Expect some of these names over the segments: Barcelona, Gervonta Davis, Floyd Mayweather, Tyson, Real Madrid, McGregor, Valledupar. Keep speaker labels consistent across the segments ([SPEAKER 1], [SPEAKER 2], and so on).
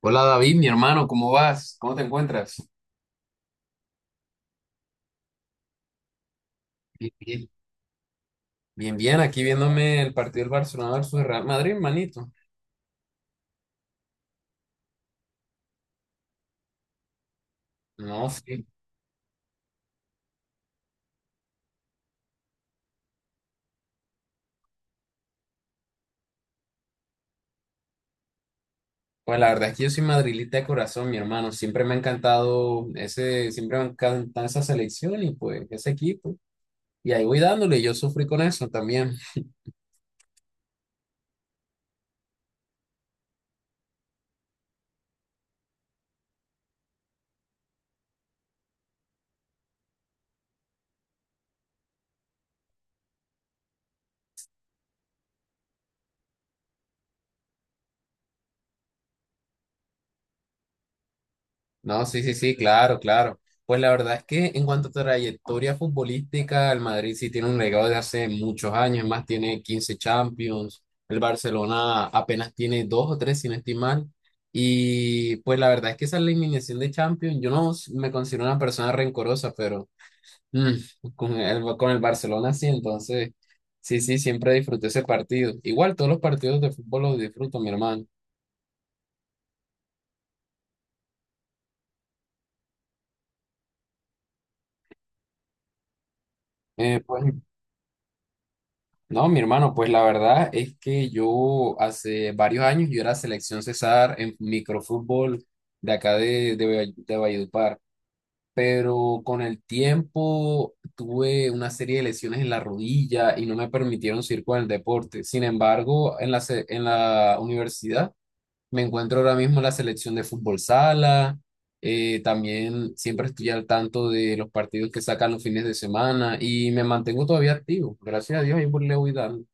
[SPEAKER 1] Hola David, mi hermano, ¿cómo vas? ¿Cómo te encuentras? Bien, bien. Bien, bien, aquí viéndome el partido del Barcelona versus el Real Madrid, manito. No, sí. Pues la verdad es que yo soy madrilita de corazón, mi hermano. Siempre me ha encantado esa selección y pues ese equipo. Y ahí voy dándole, yo sufrí con eso también. No, sí, sí, sí, claro, claro. Pues la verdad es que en cuanto a trayectoria futbolística, el Madrid sí tiene un legado de hace muchos años, es más tiene 15 Champions, el Barcelona apenas tiene dos o tres, sin estimar. Y pues la verdad es que esa eliminación de Champions, yo no s- me considero una persona rencorosa, pero mm, con el Barcelona sí, entonces sí, sí, siempre disfruté ese partido. Igual todos los partidos de fútbol los disfruto, mi hermano. Eh, pues No, mi hermano, pues la verdad es que yo hace varios años yo era selección César en microfútbol de acá de de Valledupar, pero con el tiempo tuve una serie de lesiones en la rodilla y no me permitieron seguir con el deporte. Sin embargo, en la universidad me encuentro ahora mismo en la selección de fútbol sala. También siempre estoy al tanto de los partidos que sacan los fines de semana y me mantengo todavía activo. Gracias a Dios, ahí le voy dando.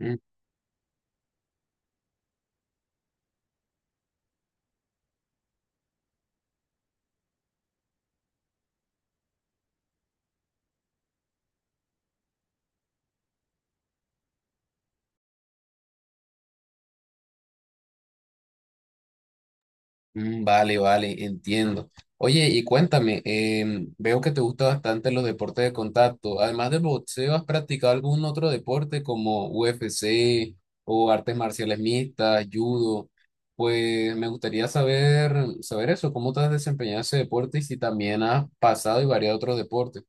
[SPEAKER 1] Mm. Vale, vale, entiendo. Oye, y cuéntame, veo que te gusta bastante los deportes de contacto. Además del boxeo, ¿has practicado algún otro deporte como UFC o artes marciales mixtas, judo? Pues me gustaría saber, saber eso, cómo te has desempeñado en ese deporte y si también has pasado y variado otros deportes.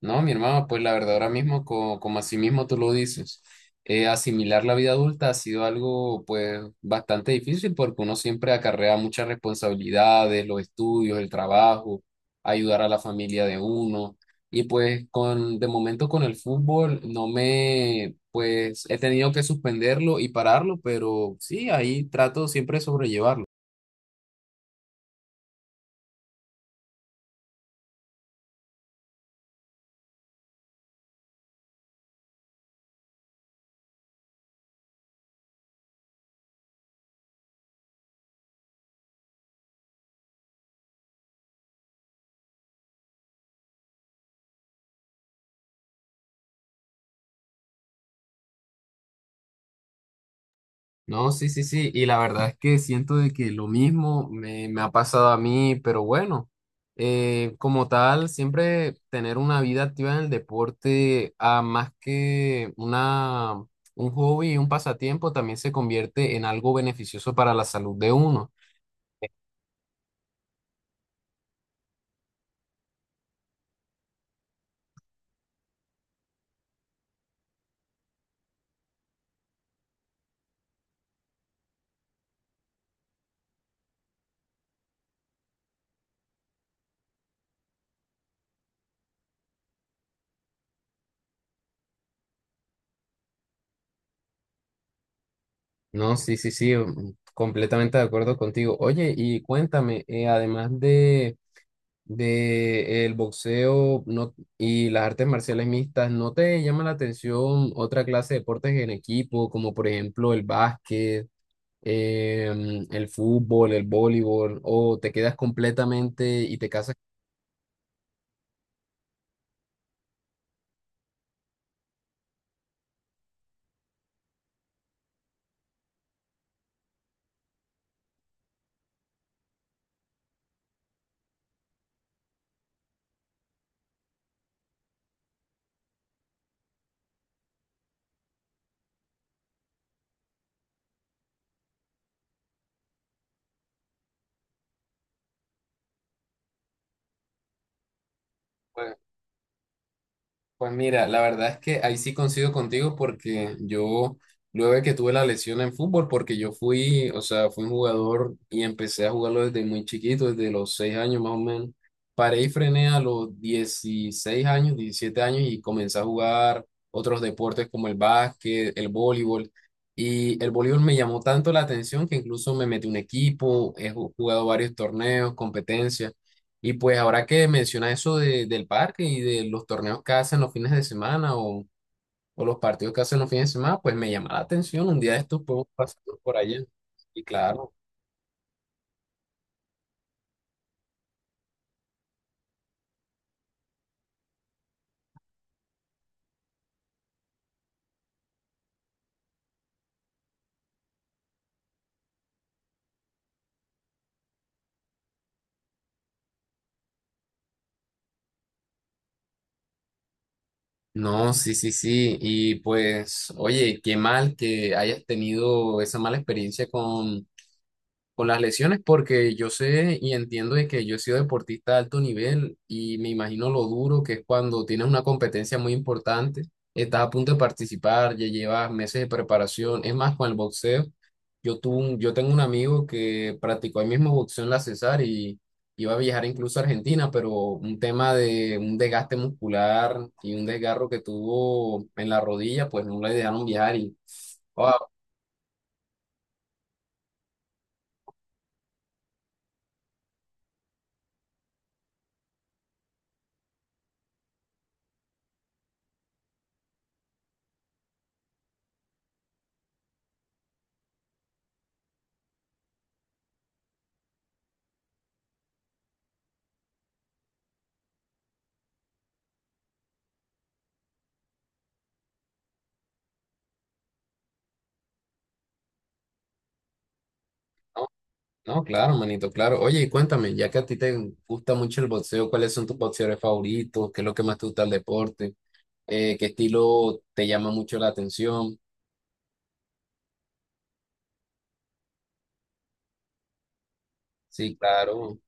[SPEAKER 1] No, mi hermano, pues la verdad ahora mismo, así mismo tú lo dices, asimilar la vida adulta ha sido algo pues bastante difícil porque uno siempre acarrea muchas responsabilidades, los estudios, el trabajo, ayudar a la familia de uno. Y pues de momento con el fútbol no me, pues he tenido que suspenderlo y pararlo, pero sí, ahí trato siempre de sobrellevarlo. No, sí, sí, sí. Y la verdad es que siento de que lo mismo me ha pasado a mí, pero bueno, como tal, siempre tener una vida activa en el deporte, ah, un hobby y un pasatiempo, también se convierte en algo beneficioso para la salud de uno. No, sí, sí, sí, mm, completamente de acuerdo contigo. Oye, y cuéntame, además de el boxeo no, y las artes marciales mixtas, ¿no te llama la atención otra clase de deportes en equipo, como por ejemplo el básquet, el fútbol, el voleibol, o te quedas completamente y te casas? Pues mira, la verdad es que ahí sí coincido contigo porque luego de que tuve la lesión en fútbol, porque yo fui, o sea, fui un jugador y empecé a jugarlo desde muy chiquito, desde los 6 años más o menos. Paré y frené a los 16 años, 17 años y comencé a jugar otros deportes como el básquet, el voleibol. Y el voleibol me llamó tanto la atención que incluso me metí un equipo, jugado varios torneos, competencias. Y pues ahora que menciona eso del parque y de los torneos que hacen los fines de semana o los partidos que hacen los fines de semana, pues me llama la atención. Un día de estos podemos pasar por allá. Y claro. No, sí, sí, sí. Y pues, oye, qué mal que hayas tenido esa mala experiencia con las lesiones porque yo sé y entiendo de que yo he sido deportista de alto nivel y me imagino lo duro que es cuando tienes una competencia muy importante, estás a punto de participar, ya llevas meses de preparación, es más, con el boxeo. Yo tengo un amigo que practicó el mismo boxeo en la Cesar y iba a viajar incluso a Argentina, pero un tema de un desgaste muscular y un desgarro que tuvo en la rodilla, pues no le dejaron viajar y... Wow. No, claro, manito, claro. Oye, y cuéntame, ya que a ti te gusta mucho el boxeo, ¿cuáles son tus boxeadores favoritos? ¿Qué es lo que más te gusta del deporte? ¿Qué estilo te llama mucho la atención? Sí, claro.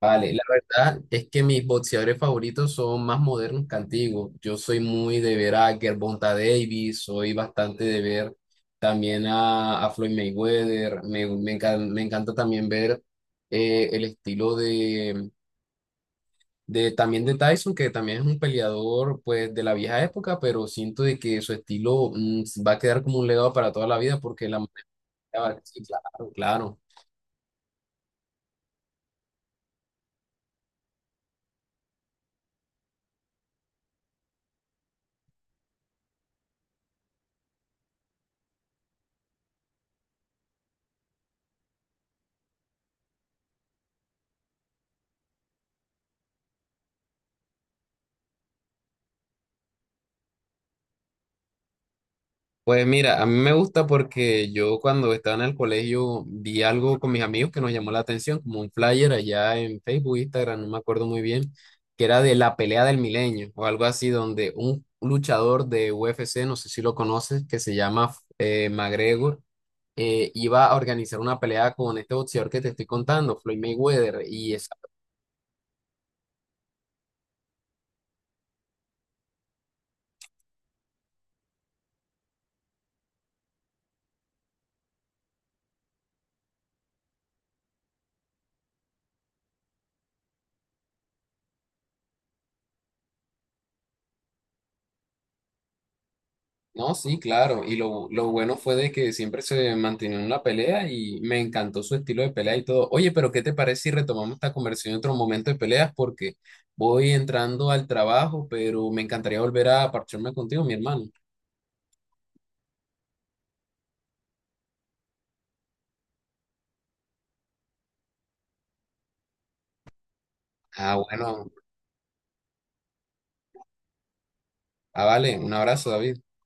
[SPEAKER 1] Vale, la verdad es que mis boxeadores favoritos son más modernos que antiguos. Yo soy muy de ver a Gervonta Davis, soy bastante de ver también a Floyd Mayweather. Me encanta también ver el estilo también de Tyson, que también es un peleador pues de la vieja época, pero siento de que su estilo va a quedar como un legado para toda la vida porque la manera, sí, claro, claro. Pues mira, a mí me gusta porque yo cuando estaba en el colegio vi algo con mis amigos que nos llamó la atención, como un flyer allá en Facebook, Instagram, no me acuerdo muy bien, que era de la pelea del milenio o algo así, donde un luchador de UFC, no sé si lo conoces, que se llama McGregor iba a organizar una pelea con este boxeador que te estoy contando, Floyd Mayweather, y esa... No, sí, claro. Lo bueno fue de que siempre se mantenía en la pelea y me encantó su estilo de pelea y todo. Oye, pero ¿qué te parece si retomamos esta conversación en otro momento de peleas? Porque voy entrando al trabajo, pero me encantaría volver a parcharme contigo, mi hermano. Ah, bueno. Ah, vale. Un abrazo, David.